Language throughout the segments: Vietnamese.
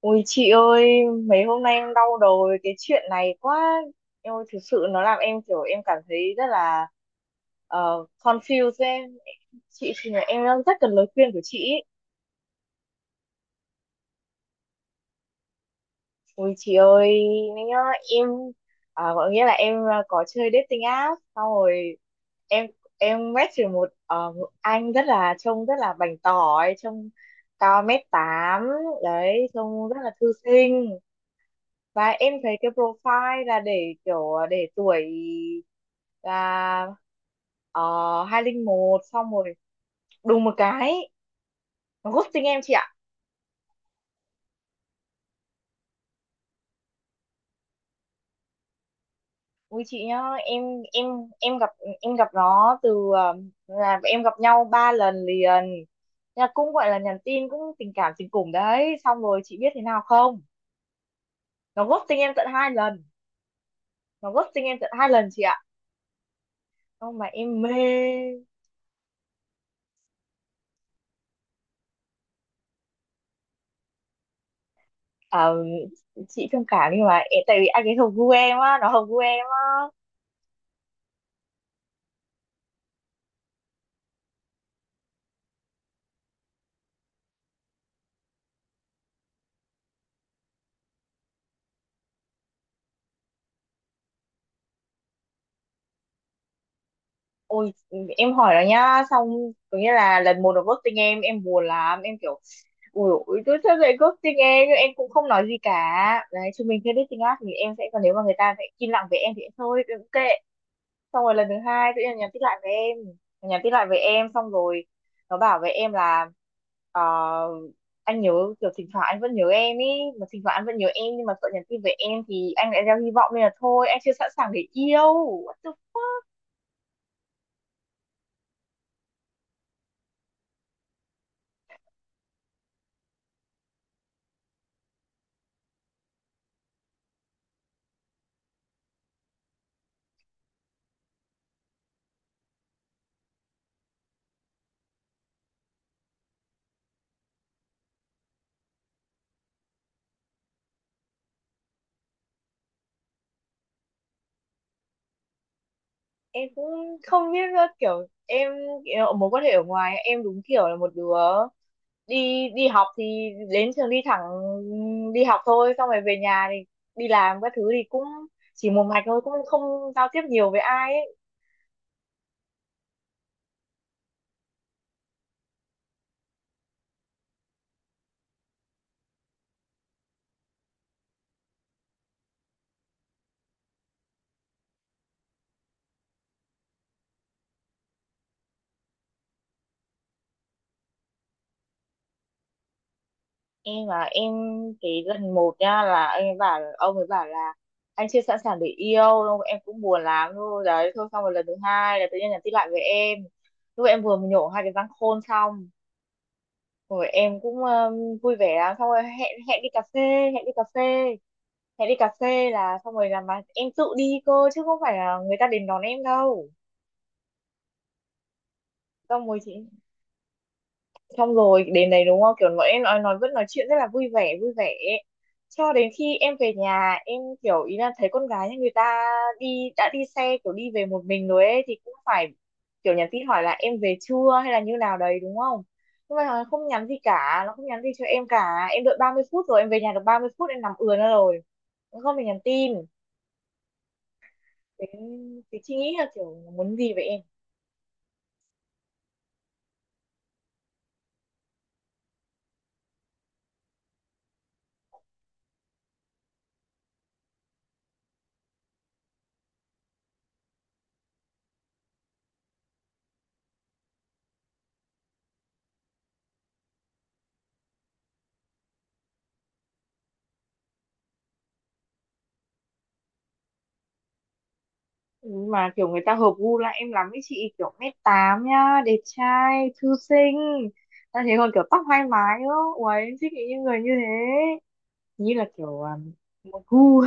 Ôi chị ơi, mấy hôm nay em đau đầu với cái chuyện này quá. Em ơi, thực sự nó làm em kiểu em cảm thấy rất là confused ấy. Chị thì là em đang rất cần lời khuyên của chị ý. Ôi chị ơi, nhá, em có nghĩa là em có chơi dating app, xong rồi em em match được một anh rất là trông rất là bảnh tỏi, trông cao 1m8 đấy, trông rất là thư sinh, và em thấy cái profile là để kiểu để tuổi là hai linh một, xong rồi đùng một cái nó ghosting em chị ạ. Ui chị nhá, em em gặp em gặp nó là em gặp nhau ba lần liền, là cũng gọi là nhắn tin cũng tình cảm tình cùng đấy, xong rồi chị biết thế nào không? Nó ghosting em tận hai lần. Nó ghosting em tận hai lần chị ạ. Không mà em mê. À, chị thông cảm nhưng mà em- tại vì anh ấy hợp gu em á, nó hợp gu em á. Ôi, em hỏi nó nhá, xong có nghĩa là lần một nó ghosting em buồn lắm, em kiểu ui ui tôi sao lại ghosting em, nhưng em cũng không nói gì cả đấy. Chúng mình chưa dating app thì em sẽ còn, nếu mà người ta sẽ im lặng về em thì thôi, ok. Xong rồi lần thứ hai tự nhiên nó nhắn tin lại với em. Nó nhắn tin lại với em xong rồi nó bảo với em là ờ, anh nhớ, kiểu thỉnh thoảng anh vẫn nhớ em ý. Mà thỉnh thoảng anh vẫn nhớ em nhưng mà sợ nhắn tin với em thì anh lại gieo hy vọng, nên là thôi, anh chưa sẵn sàng để yêu. What the... Em cũng không biết nữa, kiểu em kiểu mối quan hệ ở ngoài, em đúng kiểu là một đứa đi đi học thì đến trường đi thẳng đi học thôi, xong rồi về nhà thì đi làm các thứ thì cũng chỉ một mạch thôi, cũng không giao tiếp nhiều với ai ấy. Em cái lần một nha, là em bảo ông ấy bảo là anh chưa sẵn sàng để yêu đâu, em cũng buồn lắm thôi đấy thôi, xong rồi lần thứ hai là tự nhiên nhắn tin lại với em lúc em vừa mới nhổ hai cái răng khôn xong rồi em cũng vui vẻ lắm, xong rồi hẹn hẹn đi cà phê hẹn đi cà phê hẹn đi cà phê là xong rồi, là mà em tự đi cơ chứ không phải là người ta đến đón em đâu. Xong rồi chị, xong rồi đến đấy đúng không, kiểu bọn em nói vẫn nói chuyện rất là vui vẻ ấy. Cho đến khi em về nhà, em kiểu ý là thấy con gái nhà người ta đi xe, kiểu đi về một mình rồi ấy, thì cũng phải kiểu nhắn tin hỏi là em về chưa hay là như nào đấy đúng không. Nhưng mà nó không nhắn gì cả, nó không nhắn gì cho em cả, em đợi 30 phút, rồi em về nhà được 30 phút, em nằm ườn ra rồi, nó không hề nhắn tin. Thế, thì chị nghĩ là kiểu muốn gì vậy em. Mà kiểu người ta hợp gu lại em lắm ấy chị, kiểu 1m8 nhá, đẹp trai thư sinh, ta thế còn kiểu tóc hai mái nữa, ui em thích những người như thế, như là kiểu một gu.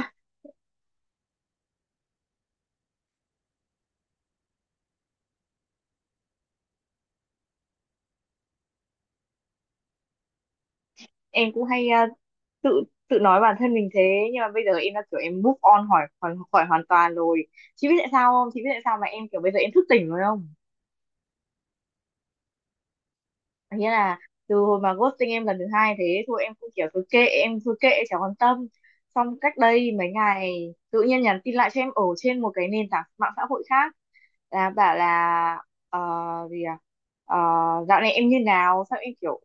Em cũng hay tự tự nói bản thân mình thế, nhưng mà bây giờ em đã kiểu em move on khỏi khỏi, khỏi hoàn toàn rồi. Chị biết tại sao không, chị biết tại sao mà em kiểu bây giờ em thức tỉnh rồi không? Nghĩa là từ hồi mà ghosting em lần thứ hai, thế thôi em cũng kiểu cứ kệ, em cứ kệ chẳng quan tâm. Xong cách đây mấy ngày tự nhiên nhắn tin lại cho em ở trên một cái nền tảng mạng xã hội khác, là bảo là ờ, gì à Ờ, dạo này em như nào, sao em kiểu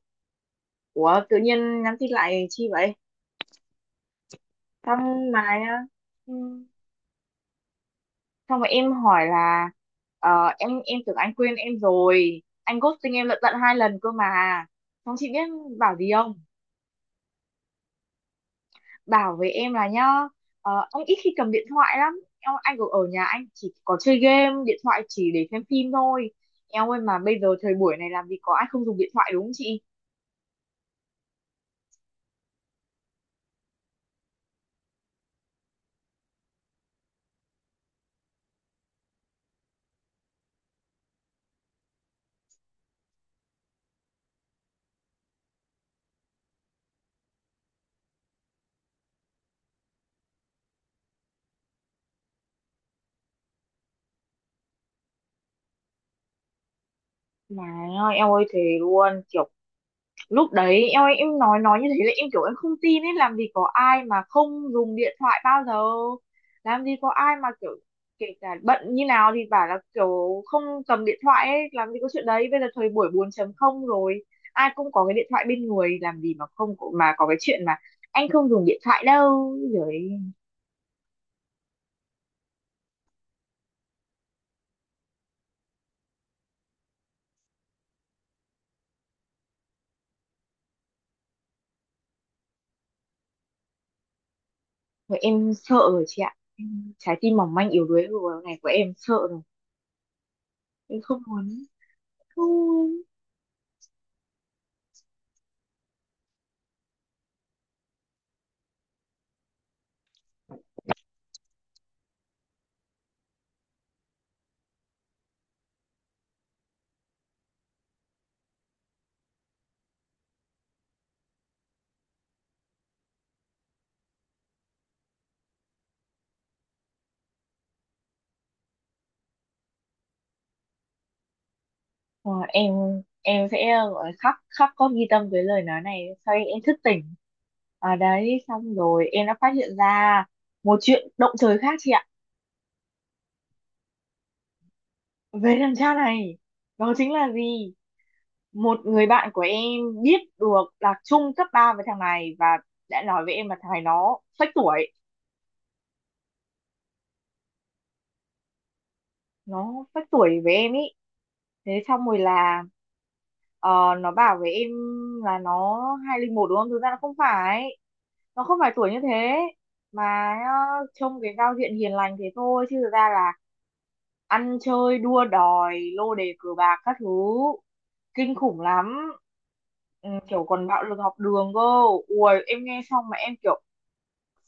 ủa tự nhiên nhắn tin lại chi vậy? Xong mà ừ, xong mà em hỏi là em tưởng anh quên em rồi, anh ghosting em lận tận hai lần cơ mà. Xong chị biết bảo gì không. Bảo với em là nhá, anh ít khi cầm điện thoại lắm em, anh ở ở nhà anh chỉ có chơi game điện thoại, chỉ để xem phim thôi. Em ơi mà bây giờ thời buổi này làm gì có ai không dùng điện thoại đúng không chị? Mà em ơi thế luôn, kiểu lúc đấy em nói như thế là em kiểu em không tin ấy, làm gì có ai mà không dùng điện thoại bao giờ, làm gì có ai mà kiểu kể cả bận như nào thì bảo là kiểu không cầm điện thoại ấy, làm gì có chuyện đấy, bây giờ thời buổi 4.0 rồi, ai cũng có cái điện thoại bên người, làm gì mà không có- mà có cái chuyện mà anh không dùng điện thoại đâu rồi. Rồi em sợ rồi chị ạ. Em- trái tim mỏng manh yếu đuối của ngày của em sợ rồi, em không muốn, không muốn. Ờ, em em sẽ gọi là khóc khóc có ghi tâm với lời nói này, sau đấy em thức tỉnh ở đấy, xong rồi em đã phát hiện ra một chuyện động trời khác chị ạ về đằng cha này. Đó chính là gì, một người bạn của em biết được là chung cấp 3 với thằng này, và đã nói với em là thằng này nó phách tuổi, nó phách tuổi với em ý. Thế xong rồi là Ờ, nó bảo với em là nó 2001 đúng không? Thực ra nó không phải. Nó không phải tuổi như thế. Mà trông cái giao diện hiền lành thế thôi. Chứ thực ra là ăn chơi, đua đòi, lô đề cờ bạc các thứ. Kinh khủng lắm. Ừ, kiểu còn bạo lực học đường cơ. Ui, em nghe xong mà em kiểu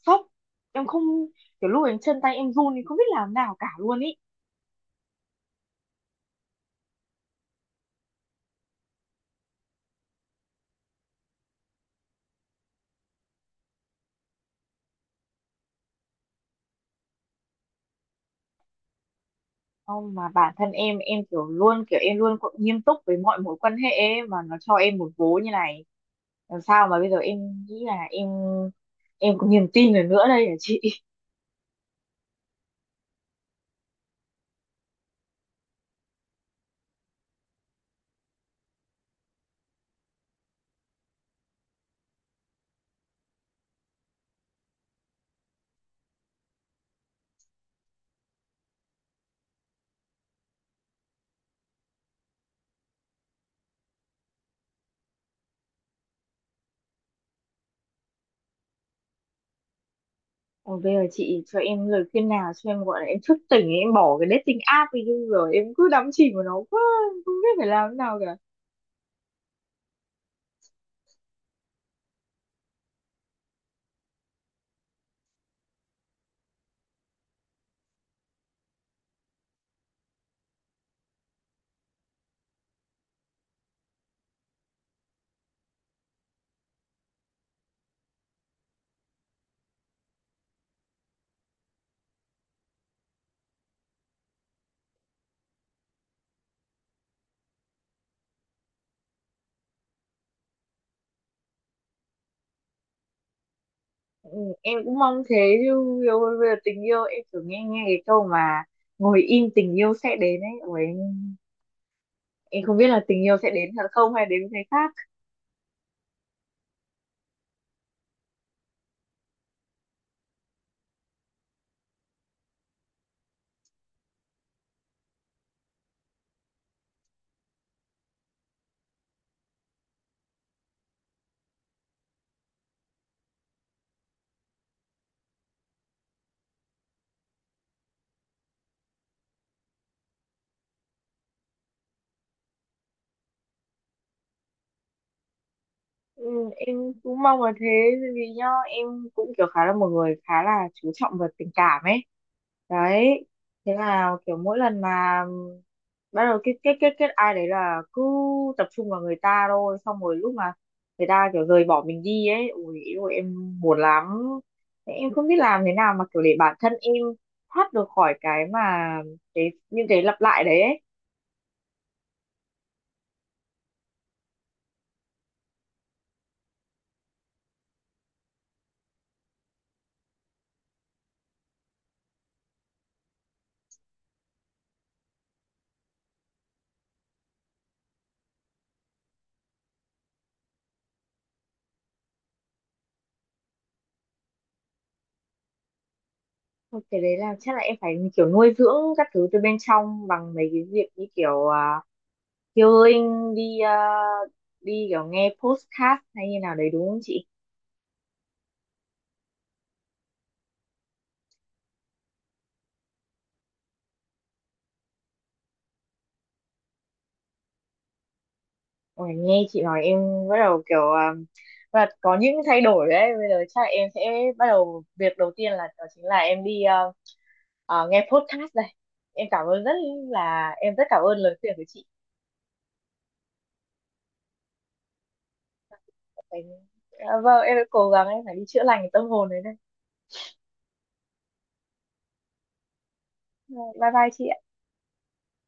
sốc. Em không, kiểu lúc ấy chân tay em run thì không biết làm nào cả luôn ý. Không mà bản thân em kiểu luôn kiểu em luôn có- nghiêm túc với mọi mối quan hệ ấy, mà nó cho em một vố như này làm sao mà bây giờ em nghĩ là em có niềm tin được nữa đây hả chị? Còn bây giờ chị cho em lời khuyên nào cho em gọi là em thức tỉnh ấy, em bỏ cái dating app đi chứ rồi em cứ đắm chìm vào nó quá, em không biết phải làm thế nào cả. Ừ, em cũng mong thế, chứ yêu bây giờ tình yêu, em cứ nghe nghe cái câu mà ngồi im tình yêu sẽ đến ấy. Ủa, em không biết là tình yêu sẽ đến thật không hay đến với người khác. Ừ, em cũng mong là thế, bởi vì nhá em cũng kiểu khá là một người khá là chú trọng về tình cảm ấy đấy. Thế là kiểu mỗi lần mà bắt đầu kết kết kết kết ai đấy là cứ tập trung vào người ta thôi, xong rồi lúc mà người ta kiểu rời bỏ mình đi ấy, ui ôi em buồn lắm. Thế em không biết làm thế nào mà kiểu để bản thân em thoát được khỏi cái mà cái những cái lặp lại đấy ấy. Thôi cái đấy là chắc là em phải kiểu nuôi dưỡng các thứ từ bên trong bằng mấy cái việc như kiểu healing đi, đi kiểu nghe podcast hay như nào đấy đúng không chị? Ôi, nghe chị nói em bắt đầu kiểu và có những thay đổi đấy, bây giờ chắc là em sẽ bắt đầu việc đầu tiên là đó chính là em đi nghe podcast đây. Em cảm ơn rất là em rất cảm ơn lời khuyên của chị. Phải- vâng em sẽ cố gắng em phải đi chữa lành cái tâm hồn đấy đây. Bye bye chị.